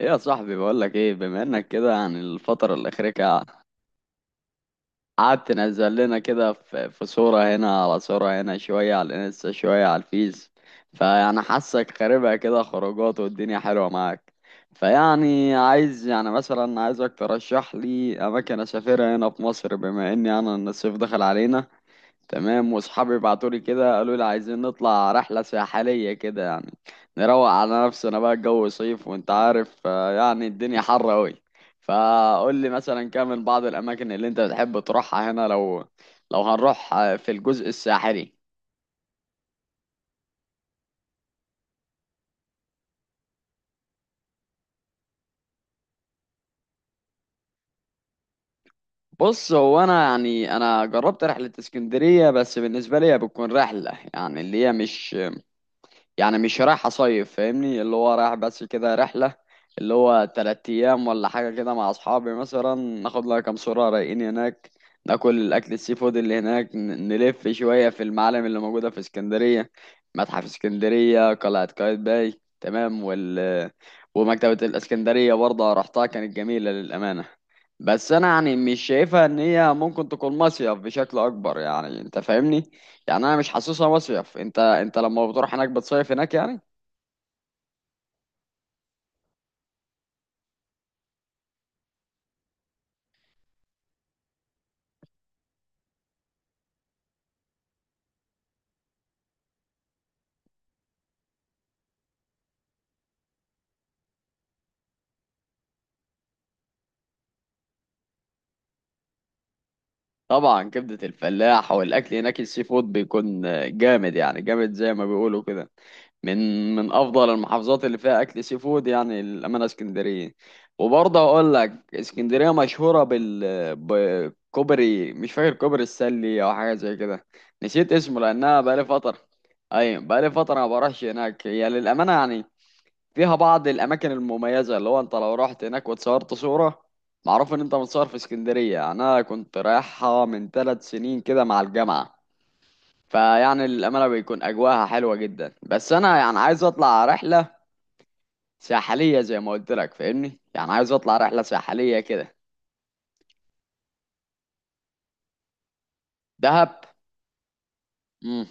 ايه يا صاحبي، بقول لك ايه. بما انك كده يعني الفترة الأخيرة كده قعدت تنزل لنا كده في صورة هنا على صورة هنا، شوية على الانستا، شوية على الفيس. فيعني حاسك خاربها كده خروجات والدنيا حلوة معاك. فيعني عايز يعني مثلا عايزك ترشح لي أماكن أسافرها هنا في مصر، بما إني يعني أنا إن الصيف دخل علينا. تمام، واصحابي بعتوا لي كده قالوا لي عايزين نطلع رحله ساحليه كده يعني نروق على نفسنا بقى. الجو صيف وانت عارف آه، يعني الدنيا حر قوي. فقول لي مثلا كام من بعض الاماكن اللي انت بتحب تروحها هنا، لو هنروح آه، في الجزء الساحلي. بص، هو انا يعني انا جربت رحله اسكندريه، بس بالنسبه لي بتكون رحله يعني اللي هي مش، يعني مش رايح اصيف فاهمني، اللي هو رايح بس كده رحلة اللي هو تلات ايام ولا حاجة كده مع اصحابي، مثلا ناخد لها كام صورة رايقين هناك، ناكل الاكل السي فود اللي هناك، نلف شوية في المعالم اللي موجودة في اسكندرية، متحف اسكندرية، قلعة قايتباي، تمام، ومكتبة الاسكندرية برضه رحتها كانت جميلة للأمانة. بس انا يعني مش شايفها ان هي ممكن تكون مصيف بشكل اكبر، يعني انت فاهمني، يعني انا مش حاسسها مصيف. انت لما بتروح هناك بتصيف هناك يعني. طبعا كبدة الفلاح والاكل هناك السي فود بيكون جامد، يعني جامد زي ما بيقولوا كده. من من افضل المحافظات اللي فيها اكل سي فود يعني الامانه اسكندريه. وبرضه اقول لك اسكندريه مشهوره بكوبري، مش فاكر كوبري السلي او حاجه زي كده، نسيت اسمه لانها بقالي فتره. اي، بقالي فتره ما بروحش هناك. هي للامانه يعني فيها بعض الاماكن المميزه، اللي هو انت لو رحت هناك واتصورت صوره، معروف ان انت متصور في اسكندريه. يعني انا كنت رايحها من 3 سنين كده مع الجامعه، فيعني الامانه بيكون اجواها حلوه جدا. بس انا يعني عايز اطلع رحله ساحليه زي ما قلت لك فاهمني، يعني عايز اطلع رحله ساحليه كده. دهب. امم.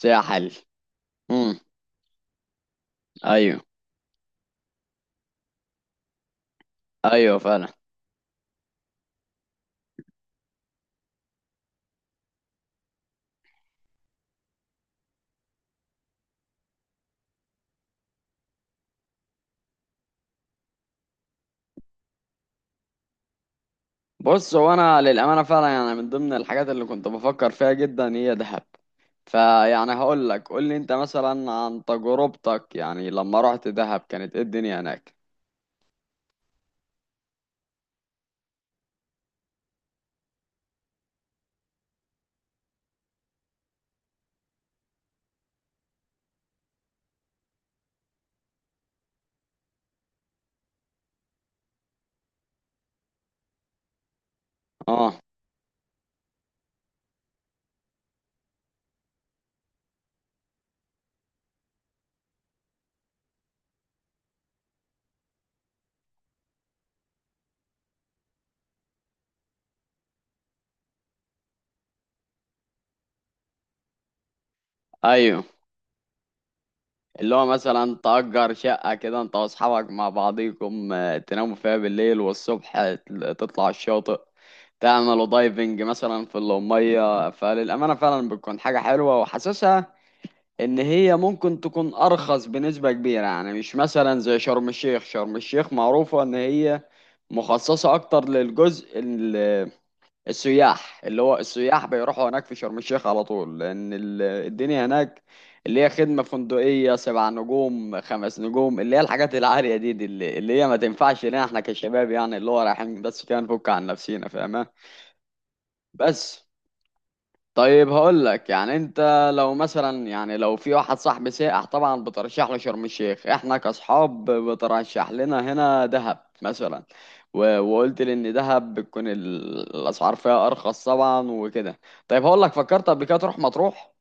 ساحل. امم. ايوه. ايوه فعلا. بص، هو انا للامانه فعلا يعني من ضمن الحاجات اللي كنت بفكر فيها جدا هي دهب. فيعني هقول لك، قول لي انت مثلا عن تجربتك، يعني لما رحت دهب كانت ايه الدنيا هناك. اه. ايوه. اللي هو مثلا تأجر شقة كده انت واصحابك مع بعضيكم آه، تناموا فيها بالليل والصبح تطلع الشاطئ، تعملوا دايفنج مثلا في المية، فللأمانة فعلا بتكون حاجة حلوة، وحاسسها إن هي ممكن تكون أرخص بنسبة كبيرة. يعني مش مثلا زي شرم الشيخ. شرم الشيخ معروفة إن هي مخصصة أكتر للجزء السياح، اللي هو السياح بيروحوا هناك في شرم الشيخ على طول، لأن الدنيا هناك اللي هي خدمة فندقية 7 نجوم، 5 نجوم، اللي هي الحاجات العالية دي اللي هي ما تنفعش لنا احنا كشباب، يعني اللي هو رايحين بس كده نفك عن نفسينا فاهمة. بس، طيب هقول لك يعني انت، لو مثلا يعني لو في واحد صاحبي سائح طبعا بترشح له شرم الشيخ، احنا كاصحاب بترشح لنا هنا دهب مثلا. وقلت لي ان دهب بتكون الاسعار فيها ارخص طبعا وكده. طيب هقول لك، فكرت قبل كده تروح مطروح؟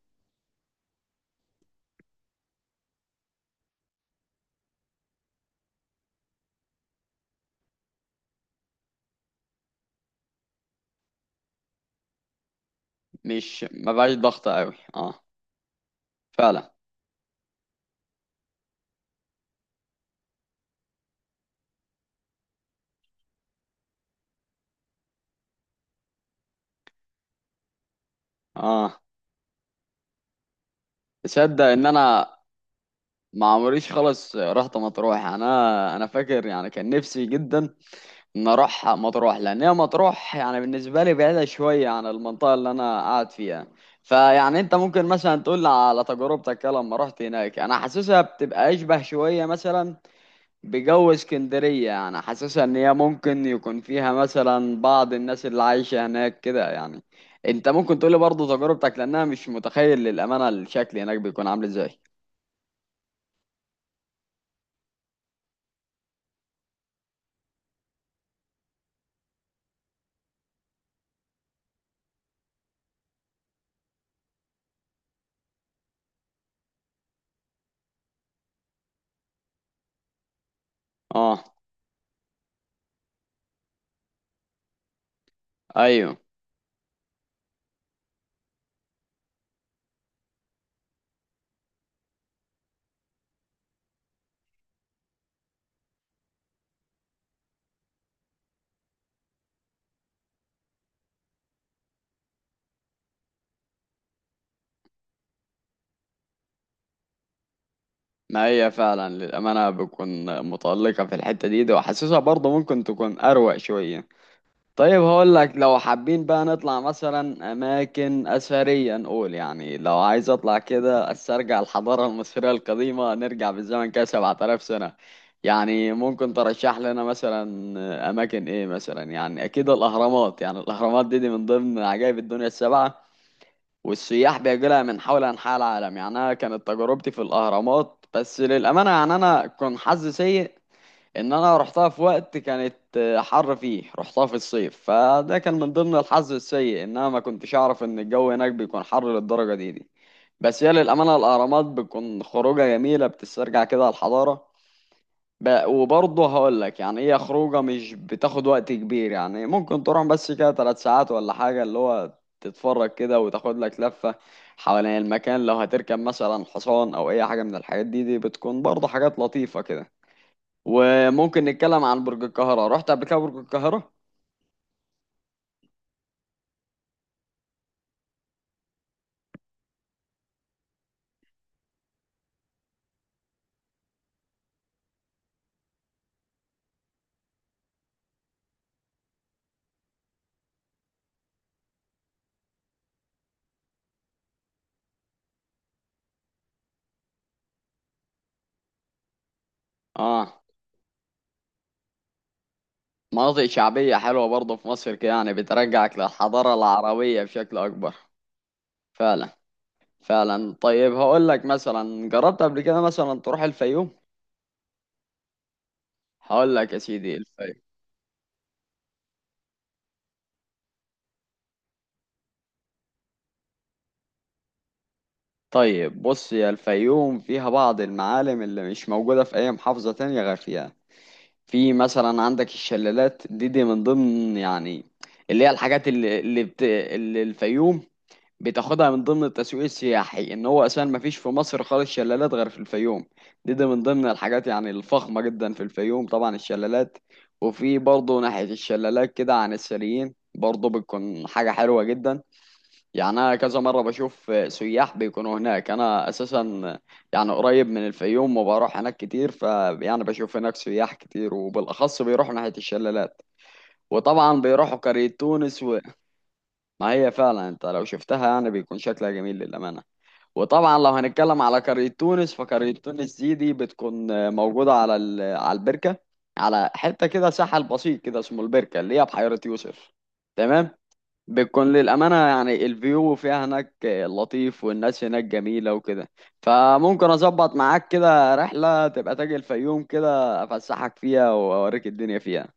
مش ما بقاش ضغط قوي، اه. فعلا. اه، تصدق ان انا ما عمريش خالص رحت مطروح. انا فاكر يعني كان نفسي جدا نروح مطروح، لان هي مطروح يعني بالنسبه لي بعيده شويه عن المنطقه اللي انا قاعد فيها. فيعني انت ممكن مثلا تقول لي على تجربتك كده لما رحت هناك. انا حاسسها بتبقى اشبه شويه مثلا بجو اسكندريه، يعني حاسسها ان هي ممكن يكون فيها مثلا بعض الناس اللي عايشه هناك كده يعني. انت ممكن تقول لي برضه تجربتك، لانها مش متخيل للامانه الشكل هناك بيكون عامل ازاي. اه. ايوه. ما هي فعلا للأمانة بتكون متألقة في الحتة دي، ده وحاسسها برضه ممكن تكون أروق شوية. طيب هقول لك، لو حابين بقى نطلع مثلا أماكن أثرية، نقول يعني لو عايز أطلع كده أسترجع الحضارة المصرية القديمة، نرجع بالزمن كده 7000 سنة، يعني ممكن ترشح لنا مثلا أماكن إيه مثلا؟ يعني أكيد الأهرامات. يعني الأهرامات دي من ضمن عجائب الدنيا السبعة، والسياح بيجيلها من حول أنحاء العالم. يعني أنا كانت تجربتي في الأهرامات بس، للأمانة يعني أنا كان حظي سيء إن أنا رحتها في وقت كانت حر فيه، رحتها في الصيف، فده كان من ضمن الحظ السيء إن أنا ما كنتش أعرف إن الجو هناك بيكون حر للدرجة دي. بس هي للأمانة الأهرامات بتكون خروجة جميلة، بتسترجع كده الحضارة. وبرضه هقول لك يعني هي خروجه مش بتاخد وقت كبير، يعني ممكن تروح بس كده 3 ساعات ولا حاجه، اللي هو تتفرج كده وتاخد لك لفه حوالين المكان. لو هتركب مثلا حصان او اي حاجه من الحاجات دي بتكون برضه حاجات لطيفه كده. وممكن نتكلم عن برج القاهره، رحت قبل كده برج القاهره؟ اه. مناطق شعبيه حلوه برضه في مصر كده، يعني بترجعك للحضاره العربيه بشكل اكبر. فعلا. فعلا. طيب هقول لك، مثلا جربت قبل كده مثلا تروح الفيوم؟ هقول لك يا سيدي الفيوم. طيب بص يا الفيوم فيها بعض المعالم اللي مش موجودة في أي محافظة تانية غير فيها. في مثلا عندك الشلالات، دي من ضمن يعني اللي هي الحاجات اللي اللي الفيوم بتاخدها من ضمن التسويق السياحي، ان هو اساسا ما فيش في مصر خالص شلالات غير في الفيوم. دي من ضمن الحاجات يعني الفخمة جدا في الفيوم طبعا الشلالات. وفي برضه ناحية الشلالات كده عن السليين برضه بتكون حاجة حلوة جدا. يعني أنا كذا مرة بشوف سياح بيكونوا هناك. أنا أساسا يعني قريب من الفيوم وبروح هناك كتير، فيعني بشوف هناك سياح كتير وبالأخص بيروحوا ناحية الشلالات، وطبعا بيروحوا قرية تونس و... ما هي فعلا أنت لو شفتها يعني بيكون شكلها جميل للأمانة. وطبعا لو هنتكلم على قرية تونس، فقرية تونس دي بتكون موجودة على على البركة، على حتة كده ساحل بسيط كده اسمه البركة اللي هي بحيرة يوسف. تمام. بتكون للأمانة يعني الفيو فيها هناك لطيف والناس هناك جميلة وكده. فممكن أظبط معاك كده رحلة، تبقى تاجي الفيوم كده أفسحك فيها وأوريك الدنيا فيها.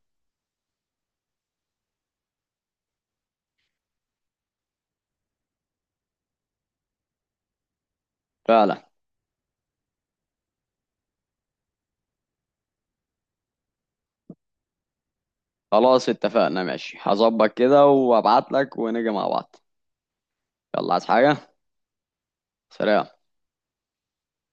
فعلا. خلاص اتفقنا، ماشي، هظبط كده وأبعت لك ونيجي مع بعض. يلا، عايز حاجة؟ سلام.